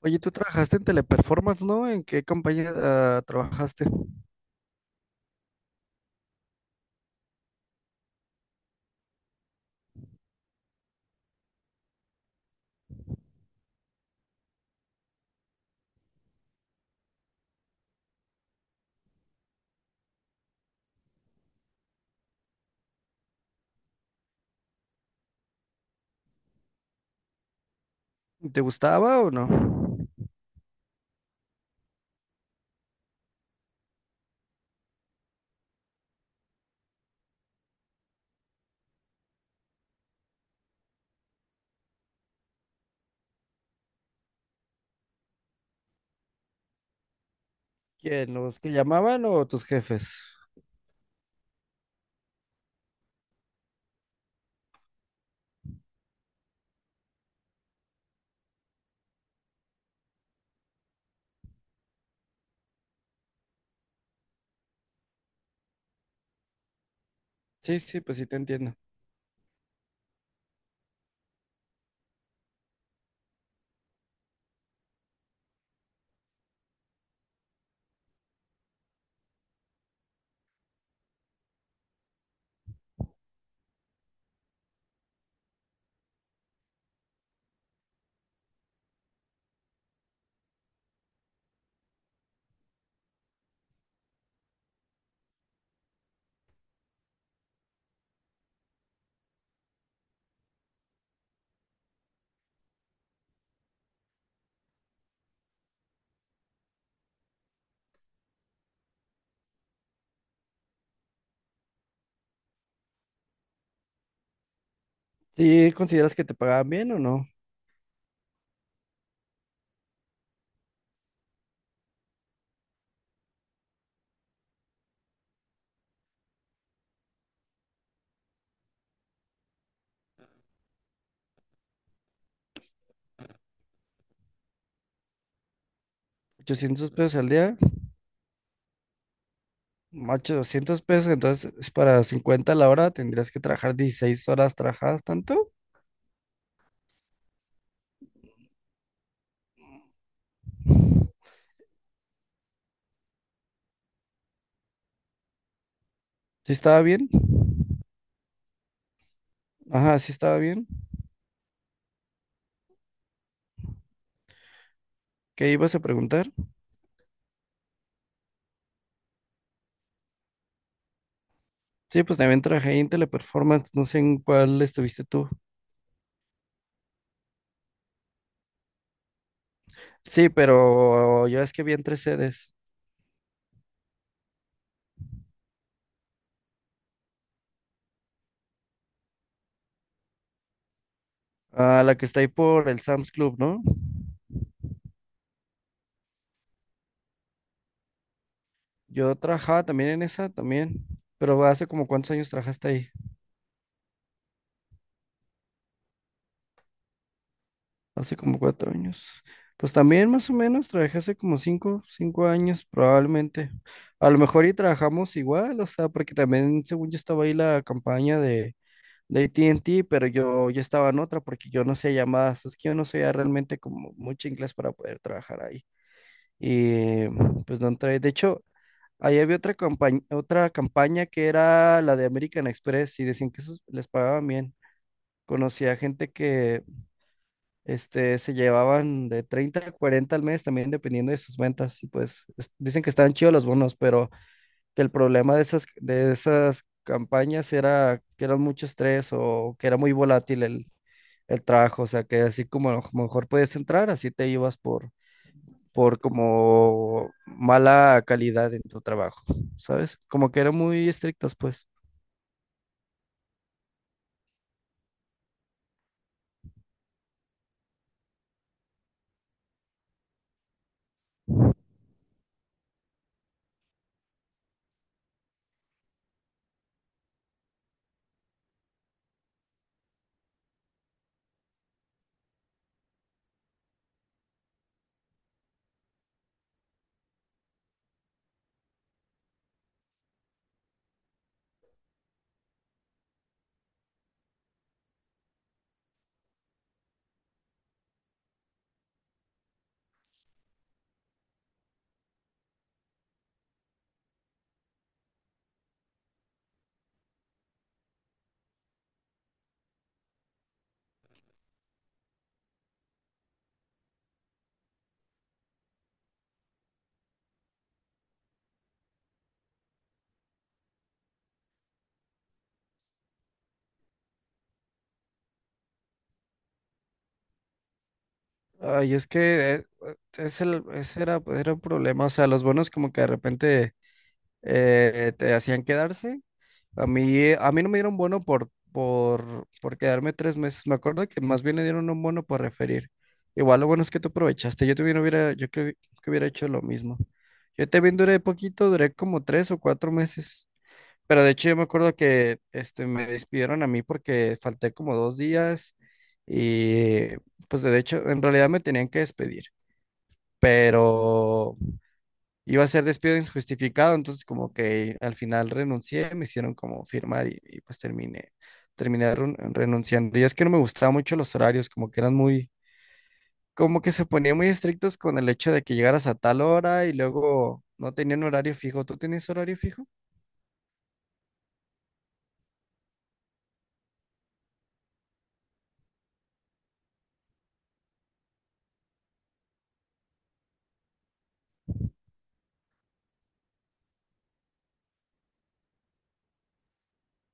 Oye, tú trabajaste en Teleperformance, ¿no? ¿En qué compañía trabajaste? ¿Te gustaba o no? ¿Quién? ¿Los que llamaban o tus jefes? Sí, sí, pues sí te entiendo. ¿Sí consideras que te pagaban bien o no? 800 pesos al día, 800 pesos, entonces es para 50 la hora tendrías que trabajar 16 horas trabajadas, ¿tanto? ¿Sí estaba bien? Ajá, sí estaba bien. ¿Qué ibas a preguntar? Sí, pues también trabajé ahí en Teleperformance, no sé en cuál estuviste tú. Sí, pero yo es que vi en tres sedes. Ah, la que está ahí por el Sam's Club, ¿no? Yo trabajaba también en esa, también. ¿Pero hace como cuántos años trabajaste ahí? Hace como 4 años. Pues también más o menos trabajé hace como cinco años probablemente. A lo mejor y trabajamos igual, o sea, porque también según yo estaba ahí la campaña de A T and T, pero yo estaba en otra porque yo no sé llamadas. Es que yo no sabía realmente como mucho inglés para poder trabajar ahí. Y pues no entré. De hecho, ahí había otra campaña que era la de American Express y decían que esos les pagaban bien. Conocí a gente que se llevaban de 30 a 40 al mes también dependiendo de sus ventas. Y pues dicen que estaban chidos los bonos, pero que el problema de de esas campañas era que eran mucho estrés o que era muy volátil el trabajo. O sea, que así como a lo mejor podías entrar, así te ibas por como mala calidad en tu trabajo, ¿sabes? Como que eran muy estrictos, pues. Ay, es que ese era un problema, o sea, los bonos como que de repente te hacían quedarse. A mí no me dieron bono por quedarme 3 meses. Me acuerdo que más bien le dieron un bono por referir. Igual lo bueno es que tú aprovechaste. Yo también hubiera, yo creo que hubiera hecho lo mismo. Yo también duré poquito, duré como 3 o 4 meses. Pero de hecho yo me acuerdo que me despidieron a mí porque falté como 2 días y pues de hecho en realidad me tenían que despedir, pero iba a ser despido injustificado, entonces como que al final renuncié, me hicieron como firmar y, pues terminé renunciando. Y es que no me gustaban mucho los horarios, como que como que se ponían muy estrictos con el hecho de que llegaras a tal hora y luego no tenían horario fijo. ¿Tú tenías horario fijo?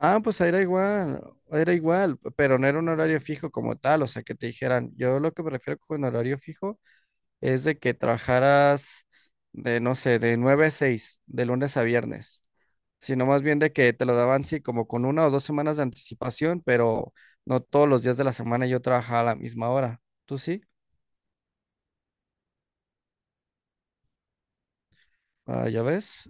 Ah, pues era igual, pero no era un horario fijo como tal, o sea, que te dijeran, yo lo que me refiero con horario fijo es de que trabajaras de, no sé, de 9 a 6, de lunes a viernes, sino más bien de que te lo daban, sí, como con una o dos semanas de anticipación, pero no todos los días de la semana yo trabajaba a la misma hora. ¿Tú sí? Ah, ya ves.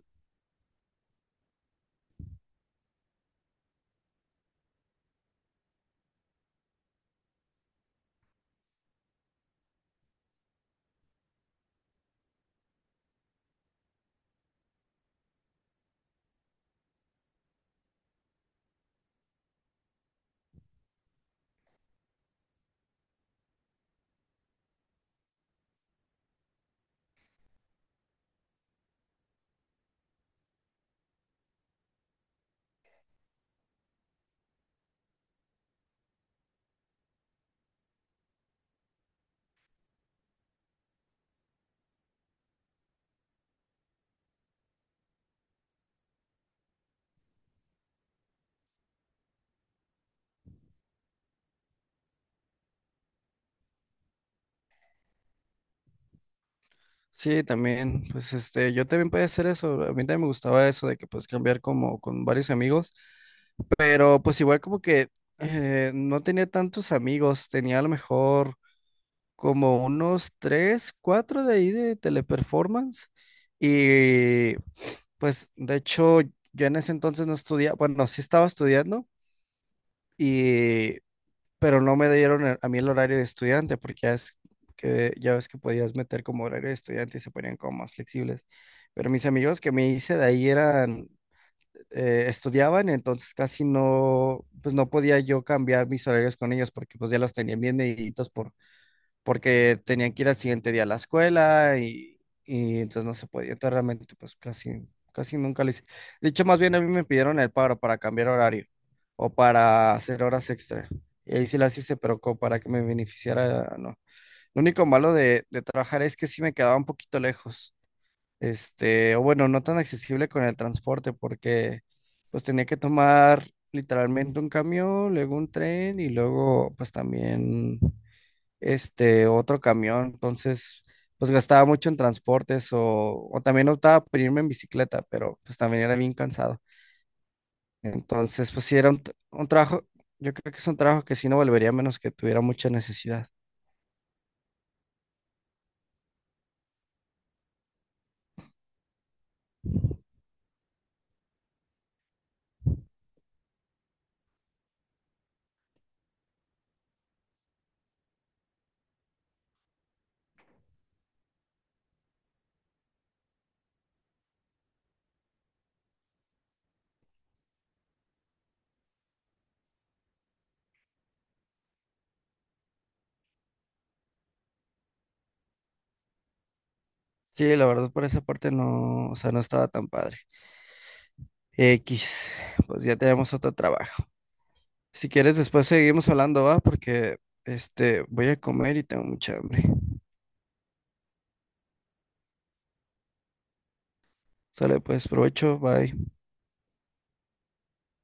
Sí, también, pues yo también podía hacer eso, a mí también me gustaba eso de que pues cambiar como con varios amigos. Pero pues igual como que no tenía tantos amigos, tenía a lo mejor como unos tres, cuatro de ahí de Teleperformance. Y pues de hecho yo en ese entonces no estudiaba, bueno, sí estaba estudiando, y, pero no me dieron a mí el horario de estudiante porque ya, es que, ya ves que podías meter como horario de estudiante y se ponían como más flexibles. Pero mis amigos que me hice de ahí eran estudiaban, entonces casi no, pues no podía yo cambiar mis horarios con ellos porque pues ya los tenían bien mediditos porque tenían que ir al siguiente día a la escuela y entonces no se podía, entonces realmente pues casi, casi nunca lo hice. De hecho, más bien a mí me pidieron el paro para cambiar horario o para hacer horas extra. Y ahí sí las hice, pero como para que me beneficiara, no. Lo único malo de trabajar es que sí me quedaba un poquito lejos o bueno, no tan accesible con el transporte porque pues tenía que tomar literalmente un camión, luego un tren y luego pues también este otro camión, entonces pues gastaba mucho en transportes o también optaba por irme en bicicleta, pero pues también era bien cansado. Entonces pues sí era un trabajo, yo creo que es un trabajo que sí no volvería a menos que tuviera mucha necesidad. Sí, la verdad por esa parte no, o sea, no estaba tan padre. X, pues ya tenemos otro trabajo. Si quieres, después seguimos hablando, ¿va? Porque voy a comer y tengo mucha hambre. Sale, pues, provecho, bye.